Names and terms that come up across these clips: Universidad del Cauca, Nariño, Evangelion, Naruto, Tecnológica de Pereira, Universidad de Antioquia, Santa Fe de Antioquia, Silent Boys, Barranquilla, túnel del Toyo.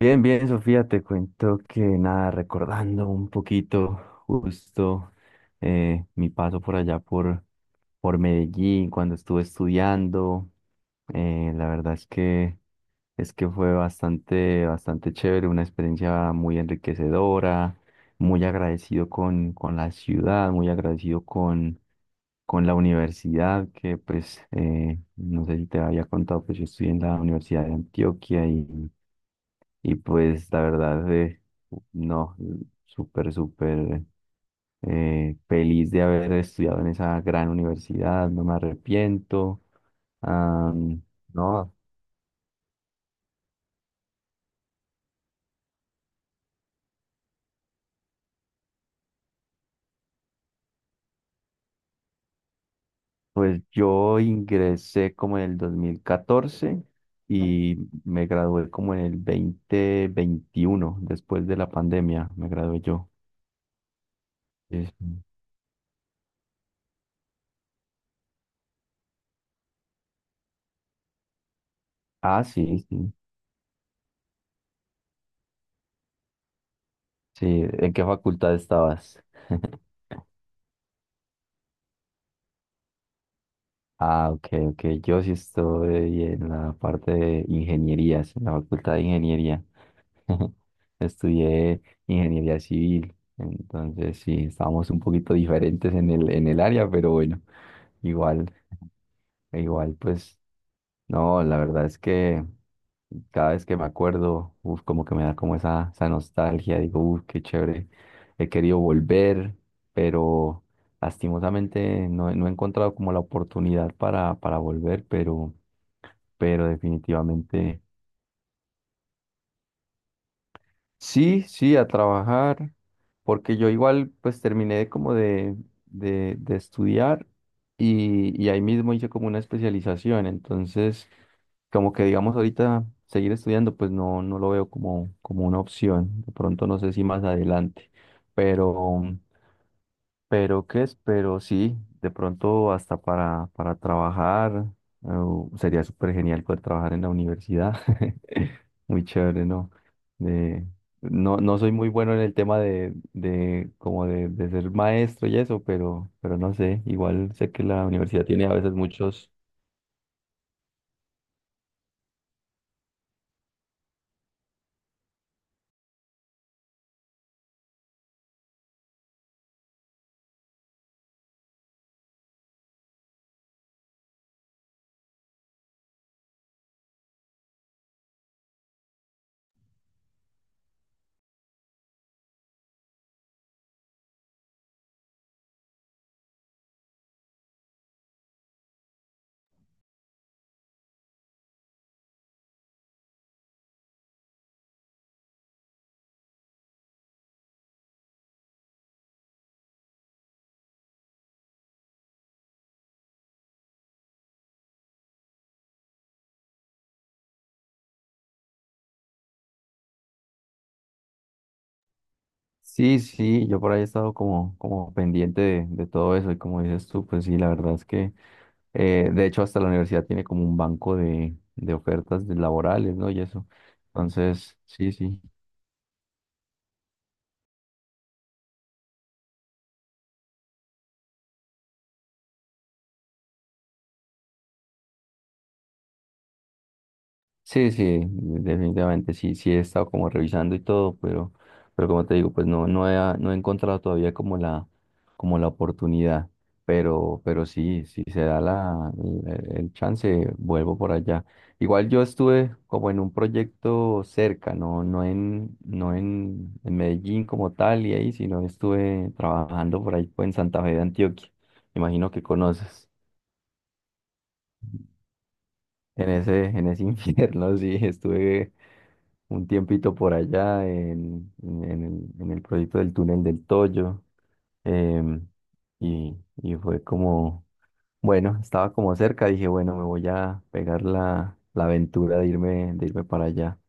Bien, bien, Sofía, te cuento que nada, recordando un poquito justo mi paso por allá por Medellín cuando estuve estudiando. La verdad es que fue bastante, bastante chévere, una experiencia muy enriquecedora, muy agradecido con la ciudad, muy agradecido con la universidad, que pues no sé si te había contado. Pues yo estudié en la Universidad de Antioquia, y pues la verdad, no, súper, súper feliz de haber estudiado en esa gran universidad, no me arrepiento. Ah, no, pues yo ingresé como en el 2014 y me gradué como en el 2021 después de la pandemia, me gradué yo. Es- Ah, sí, sí, sí. ¿En qué facultad estabas? Ah, ok, ok. Yo sí estoy en la parte de ingenierías, en la facultad de ingeniería. Estudié ingeniería civil, entonces sí, estábamos un poquito diferentes en el área, pero bueno, igual, igual, pues, no, la verdad es que cada vez que me acuerdo, uf, como que me da como esa nostalgia, digo, uf, qué chévere. He querido volver, pero lastimosamente no, he no he encontrado como la oportunidad para volver, pero definitivamente... Sí, sí, a trabajar, porque yo igual pues terminé como de estudiar y ahí mismo hice como una especialización. Entonces, como que digamos ahorita seguir estudiando pues no lo veo como una opción, de pronto no sé si más adelante, pero... Pero qué es, pero sí, de pronto hasta para trabajar. eh, Sería súper genial poder trabajar en la universidad. Muy chévere, ¿no? De- no, no soy muy bueno en el tema de como de ser maestro y eso, pero no sé, igual sé que la universidad tiene a veces muchos... Sí, sí, yo por ahí he estado como pendiente de todo eso, y como dices tú, pues sí, la verdad es que... de hecho, hasta la universidad tiene como un banco de ofertas de laborales, ¿no? Y eso. Entonces, sí, sí. Sí, sí, definitivamente sí, sí he estado como revisando y todo, pero como te digo, pues no, no he encontrado todavía como la oportunidad, pero sí, si se da el chance, vuelvo por allá. Igual yo estuve como en un proyecto cerca, no en Medellín como tal y ahí, sino estuve trabajando por ahí pues, en Santa Fe de Antioquia. Imagino que conoces. En ese infierno, sí, estuve un tiempito por allá en el proyecto del túnel del Toyo. em, y, y fue como, bueno, estaba como cerca, dije, bueno, me voy a pegar la aventura de irme para allá.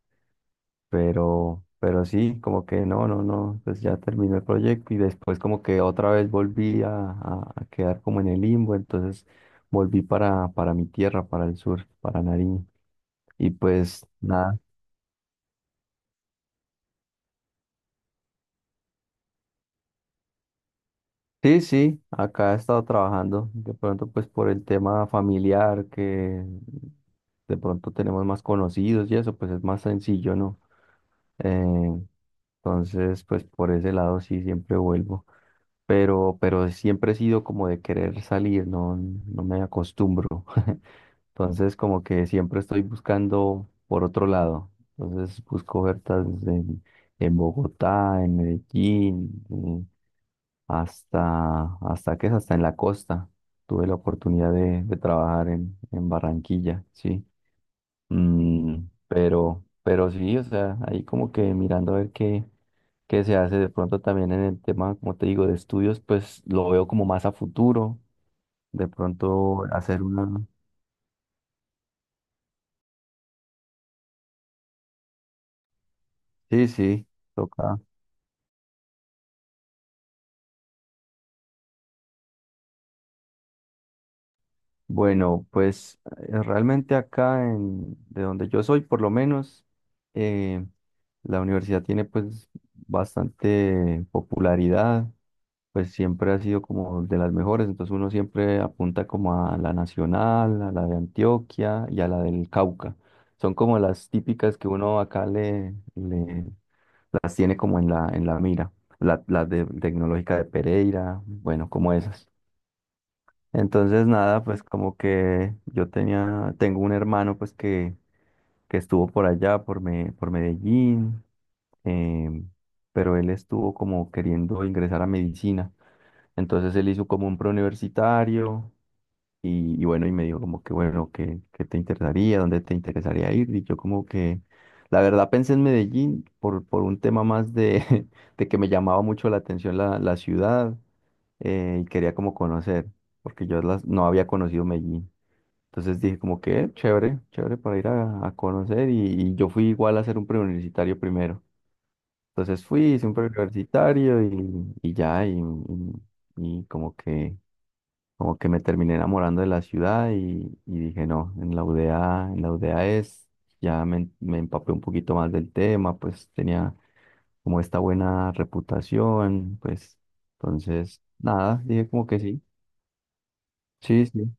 Pero sí, como que no, no, no, pues ya terminó el proyecto, y después como que otra vez volví a quedar como en el limbo. Entonces volví para mi tierra, para el sur, para Nariño. Y pues nada. Sí, sí, acá he estado trabajando, de pronto pues por el tema familiar, que de pronto tenemos más conocidos y eso, pues es más sencillo, ¿no? Eh, entonces, pues por ese lado sí siempre vuelvo, pero siempre he sido como de querer salir, no, no me acostumbro. Entonces, como que siempre estoy buscando por otro lado. Entonces, busco ofertas en Bogotá, en Medellín, hasta que es hasta en la costa. Tuve la oportunidad de trabajar en Barranquilla, sí. Pero sí, o sea, ahí como que mirando a ver qué se hace de pronto también en el tema, como te digo, de estudios, pues lo veo como más a futuro. De pronto hacer una... Sí, sí, toca. Bueno, pues realmente acá de donde yo soy, por lo menos, eh, la universidad tiene pues bastante popularidad, pues siempre ha sido como de las mejores, entonces uno siempre apunta como a la nacional, a la de Antioquia y a la del Cauca. Son como las típicas que uno acá las tiene como en la mira, la de tecnológica de Pereira, bueno, como esas. Entonces, nada, pues como que yo tenía, tengo un hermano pues que estuvo por allá, por Medellín. em, pero él estuvo como queriendo ingresar a medicina. Entonces él hizo como un preuniversitario y bueno, y me dijo como que bueno, que te interesaría, dónde te interesaría ir. Y yo como que, la verdad pensé en Medellín por un tema más de, de que me llamaba mucho la atención la ciudad, y quería como conocer, porque yo no había conocido Medellín. Entonces dije como que chévere, chévere para ir a conocer y yo fui igual a hacer un preuniversitario primero. Entonces fui, hice un preuniversitario y ya, y como que, me terminé enamorando de la ciudad, y dije no, en la UDA es, ya me empapé un poquito más del tema, pues tenía como esta buena reputación, pues entonces nada, dije como que sí, sí, sí,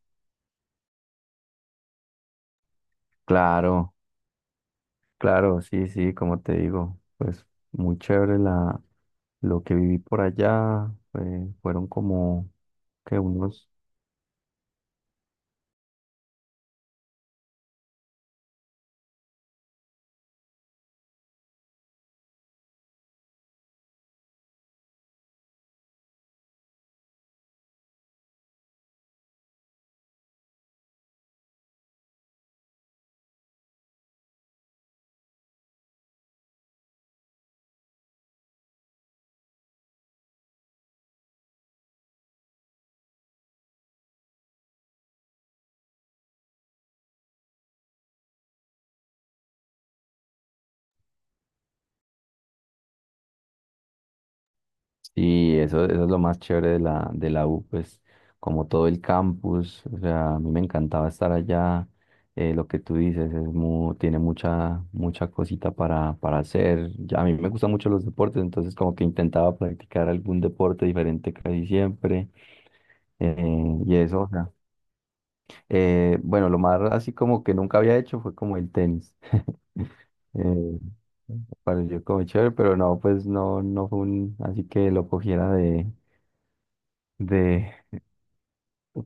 claro. Claro, sí, sí, como te digo, pues muy chévere lo que viví por allá, fueron como que unos... Y eso es lo más chévere de la U, pues como todo el campus, o sea, a mí me encantaba estar allá, lo que tú dices, es tiene mucha, mucha cosita para hacer, ya, a mí me gustan mucho los deportes, entonces como que intentaba practicar algún deporte diferente casi siempre, y eso, o sea. Bueno, lo más así como que nunca había hecho fue como el tenis. Eh, Pareció como chévere, pero no, pues no, no fue un, así que lo cogiera de,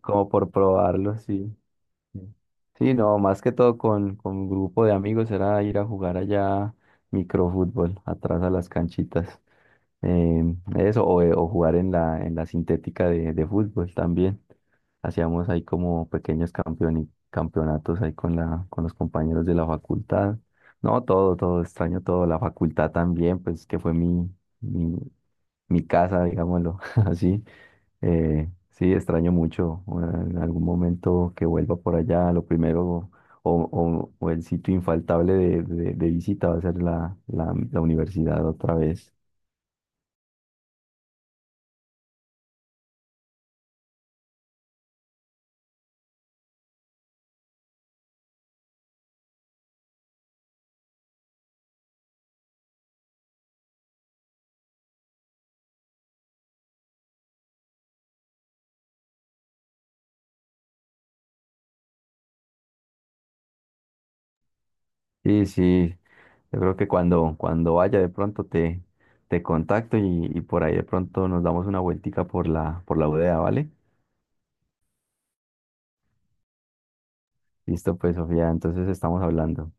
como por probarlo, sí. Sí, no, más que todo con un grupo de amigos era ir a jugar allá microfútbol, atrás a las canchitas. eh, Eso, o jugar en la sintética de fútbol también. Hacíamos ahí como pequeños campeonatos ahí con los compañeros de la facultad. No, todo, todo, extraño todo. La facultad también, pues que fue mi, mi, mi casa, digámoslo así. Sí, extraño mucho. O En algún momento que vuelva por allá, lo primero o el sitio infaltable de visita va a ser la universidad otra vez. Sí, sí, yo creo que cuando vaya de pronto te, contacto y por ahí de pronto nos damos una vueltica por la bodega, ¿vale? Listo, pues Sofía, entonces estamos hablando.